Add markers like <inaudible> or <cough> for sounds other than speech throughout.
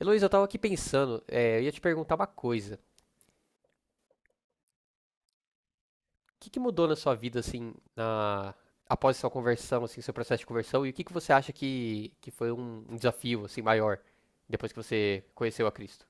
Heloísa, eu tava aqui pensando, eu ia te perguntar uma coisa. O que que mudou na sua vida, assim, após sua conversão, assim, seu processo de conversão, e o que que você acha que foi um desafio, assim, maior, depois que você conheceu a Cristo?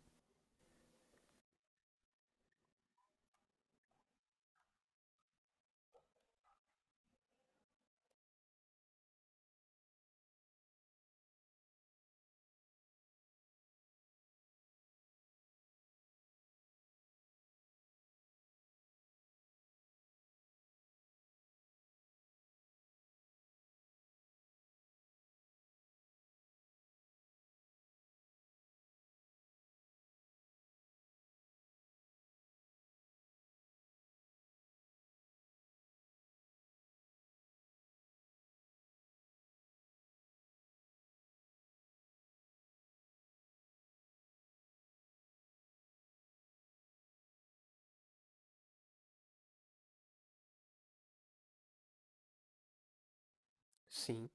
Sim.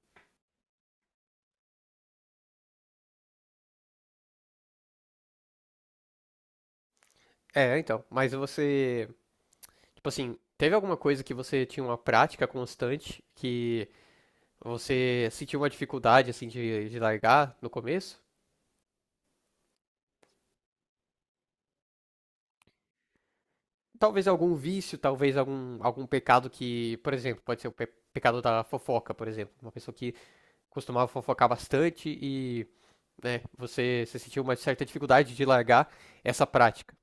É, então. Mas você. Tipo assim, teve alguma coisa que você tinha uma prática constante que você sentiu uma dificuldade, assim, de largar no começo? Talvez algum vício, talvez algum pecado que, por exemplo, pode ser o pecado da fofoca, por exemplo. Uma pessoa que costumava fofocar bastante e né, você sentiu uma certa dificuldade de largar essa prática.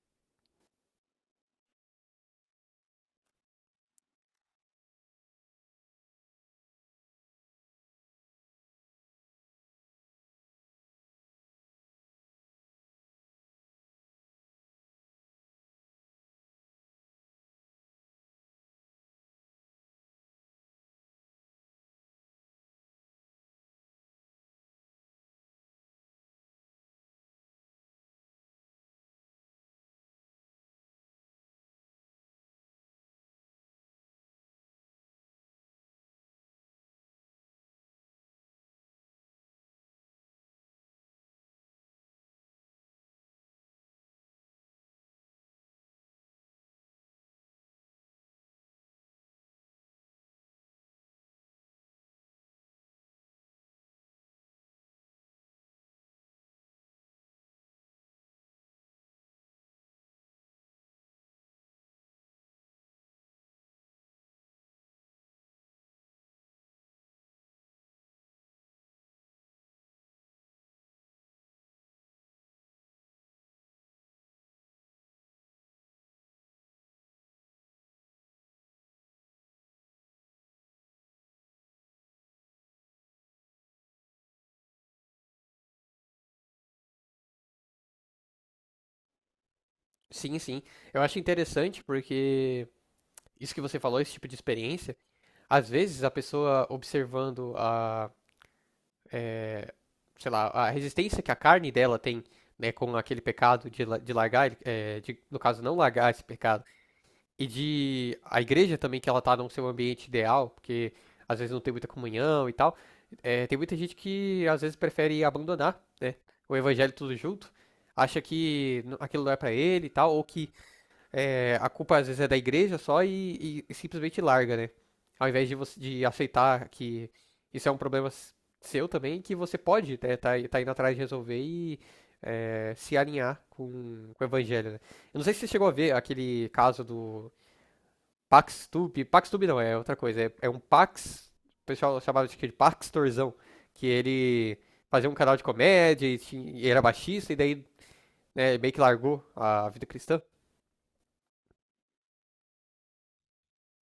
Sim, sim. Eu acho interessante porque isso que você falou, esse tipo de experiência, às vezes a pessoa observando é, sei lá, a resistência que a carne dela tem, né, com aquele pecado de largar, no caso, não largar esse pecado. E de a igreja também, que ela tá num seu ambiente ideal, porque às vezes não tem muita comunhão e tal. É, tem muita gente que às vezes prefere abandonar, né, o evangelho tudo junto, acha que aquilo não é pra ele e tal, ou que a culpa às vezes é da igreja só e simplesmente larga, né? Ao invés de você de aceitar que isso é um problema seu também, que você pode, né, tá indo atrás de resolver e se alinhar com o evangelho, né? Eu não sei se você chegou a ver aquele caso do PaxTube. PaxTube não, é outra coisa. É um Pax. O pessoal chamava de Paxtorzão. Que ele fazia um canal de comédia e era baixista, e daí né, meio que largou a vida cristã.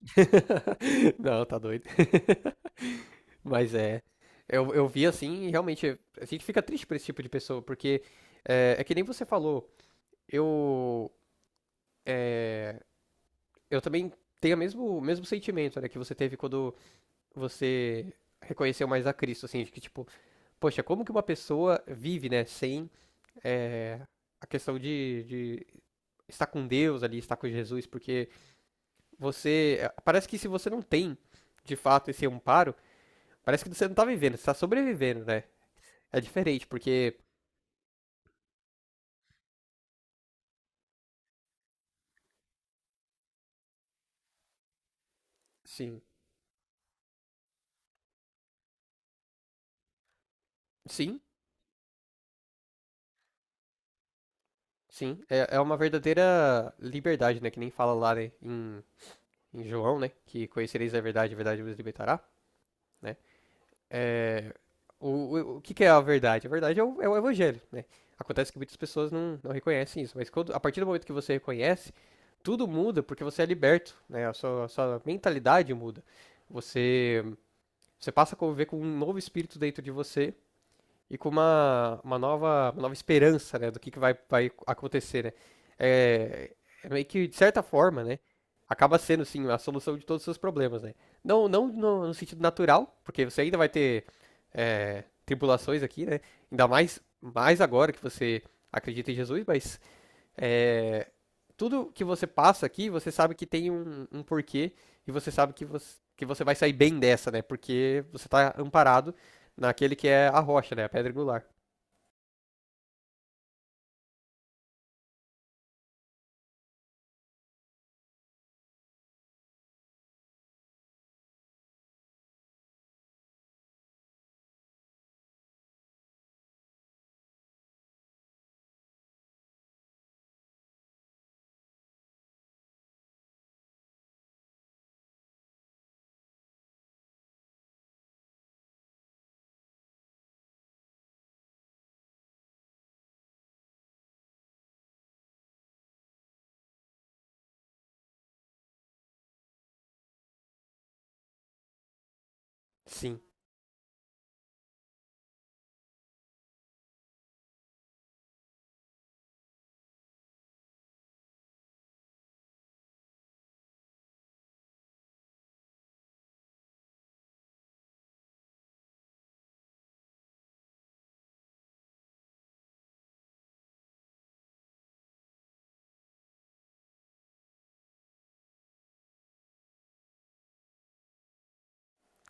<laughs> Não, tá doido. <laughs> Mas é. Eu vi assim e realmente a gente fica triste por esse tipo de pessoa, porque é que nem você falou. Eu. é, eu também tenho o mesmo sentimento, né, que você teve quando você reconheceu mais a Cristo, assim, de que tipo. Poxa, como que uma pessoa vive, né, sem é, a questão de estar com Deus ali, estar com Jesus, porque parece que se você não tem, de fato, esse amparo, parece que você não tá vivendo, você tá sobrevivendo, né? É diferente, porque, sim, sim, sim, é uma verdadeira liberdade, né, que nem fala lá, né, em João, né, que conhecereis a verdade vos libertará, né? É, o que é a verdade? A verdade é o evangelho, né? Acontece que muitas pessoas não reconhecem isso, mas a partir do momento que você reconhece, tudo muda porque você é liberto, né? A sua mentalidade muda. Você, você passa a conviver com um novo espírito dentro de você e com uma nova esperança, né, do que vai acontecer, né? É, é meio que, de certa forma, né, acaba sendo, sim, a solução de todos os seus problemas, né? Não, não no sentido natural, porque você ainda vai ter tribulações aqui, né? Ainda mais agora que você acredita em Jesus, mas é, tudo que você passa aqui, você sabe que tem um porquê e você sabe que você vai sair bem dessa, né? Porque você tá amparado naquele que é a rocha, né? A pedra angular. Sim.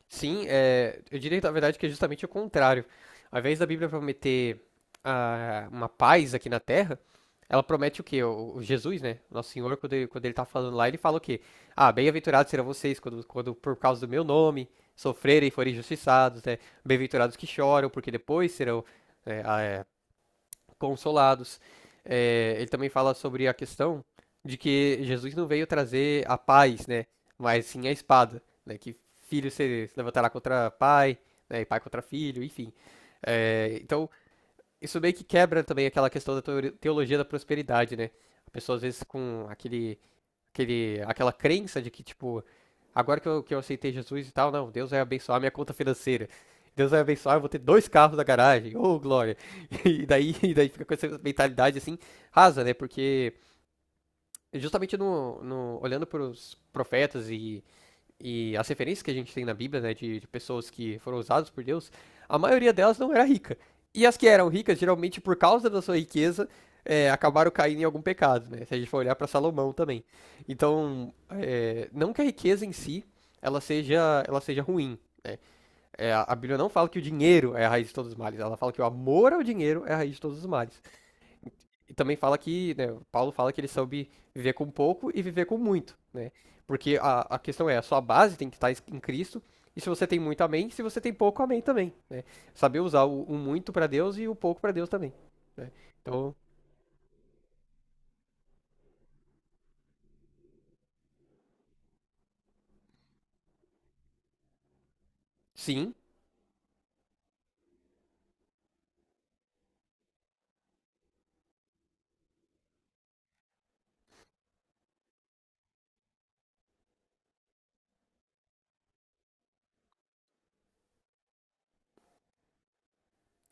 Sim, eu diria, na verdade, que é justamente o contrário. Ao invés da Bíblia prometer uma paz aqui na Terra, ela promete o quê? O Jesus, né? Nosso Senhor, quando ele tá falando lá, ele fala o quê? Ah, bem-aventurados serão vocês quando por causa do meu nome sofrerem e forem injustiçados, né? Bem-aventurados que choram, porque depois serão, né, consolados. É, ele também fala sobre a questão de que Jesus não veio trazer a paz, né? Mas sim a espada, né? Que filho se levantará contra pai, né? E pai contra filho, enfim. É, então, isso meio que quebra também aquela questão da teologia da prosperidade, né? A pessoa às vezes com aquela crença de que, tipo, agora que eu aceitei Jesus e tal, não, Deus vai abençoar minha conta financeira. Deus vai abençoar, eu vou ter dois carros na garagem. Ô, glória! <laughs> E daí fica com essa mentalidade assim, rasa, né? Porque justamente no olhando para os profetas e as referências que a gente tem na Bíblia, né, de pessoas que foram usadas por Deus, a maioria delas não era rica. E as que eram ricas, geralmente por causa da sua riqueza, acabaram caindo em algum pecado, né? Se a gente for olhar para Salomão também. Então, não que a riqueza em si ela seja ruim. Né? É, a Bíblia não fala que o dinheiro é a raiz de todos os males, ela fala que o amor ao dinheiro é a raiz de todos os males. E também fala que, né, Paulo fala que ele soube viver com pouco e viver com muito, né? Porque a questão é, a sua base tem que estar em Cristo, e se você tem muito, amém, se você tem pouco, amém também, né? Saber usar o muito para Deus e o pouco para Deus também, né? Então, sim,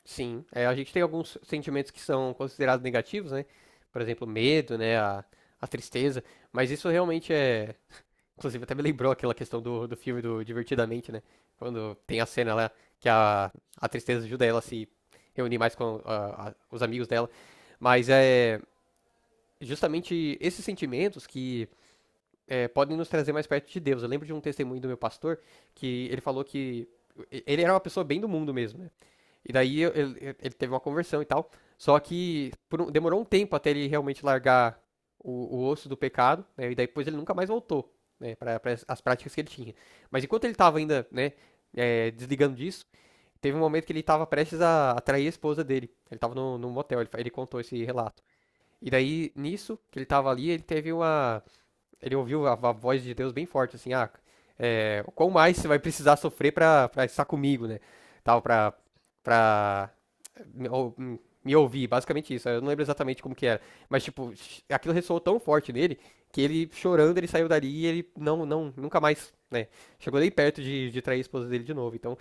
sim. É, a gente tem alguns sentimentos que são considerados negativos, né? Por exemplo, medo, né, a tristeza, mas isso realmente é. Inclusive, até me lembrou aquela questão do filme do Divertidamente, né? Quando tem a cena lá que a tristeza ajuda ela a se reunir mais com os amigos dela. Mas é justamente esses sentimentos que podem nos trazer mais perto de Deus. Eu lembro de um testemunho do meu pastor que ele falou que ele era uma pessoa bem do mundo mesmo, né? E daí ele teve uma conversão e tal. Só que demorou um tempo até ele realmente largar o osso do pecado, né? E daí depois ele nunca mais voltou, né? Para as práticas que ele tinha. Mas enquanto ele estava ainda, né, desligando disso, teve um momento que ele estava prestes a atrair a esposa dele. Ele estava no, num motel, ele contou esse relato. E daí, nisso, que ele estava ali, ele teve uma. Ele ouviu a voz de Deus bem forte, assim, qual mais você vai precisar sofrer para estar comigo, né? Tal, pra me, ou- hum, me ouvir, basicamente isso. Eu não lembro exatamente como que era. Mas, tipo, aquilo ressoou tão forte nele que ele, chorando, ele saiu dali e ele não, não, nunca mais, né? Chegou nem perto de trair a esposa dele de novo. Então,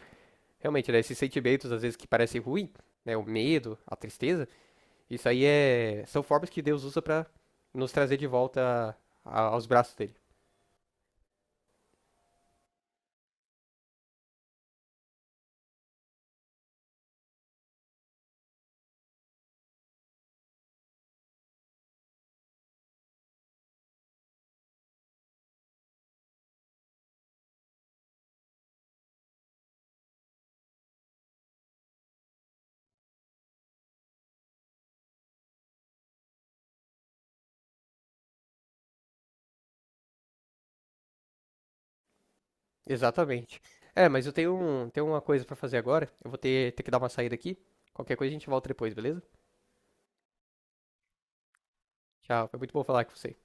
realmente, né, esses sentimentos, às vezes, que parecem ruim, né? O medo, a tristeza, isso aí são formas que Deus usa pra nos trazer de volta aos braços dele. Exatamente. É, mas eu tenho uma coisa pra fazer agora. Eu vou ter que dar uma saída aqui. Qualquer coisa a gente volta depois, beleza? Tchau, foi muito bom falar com você.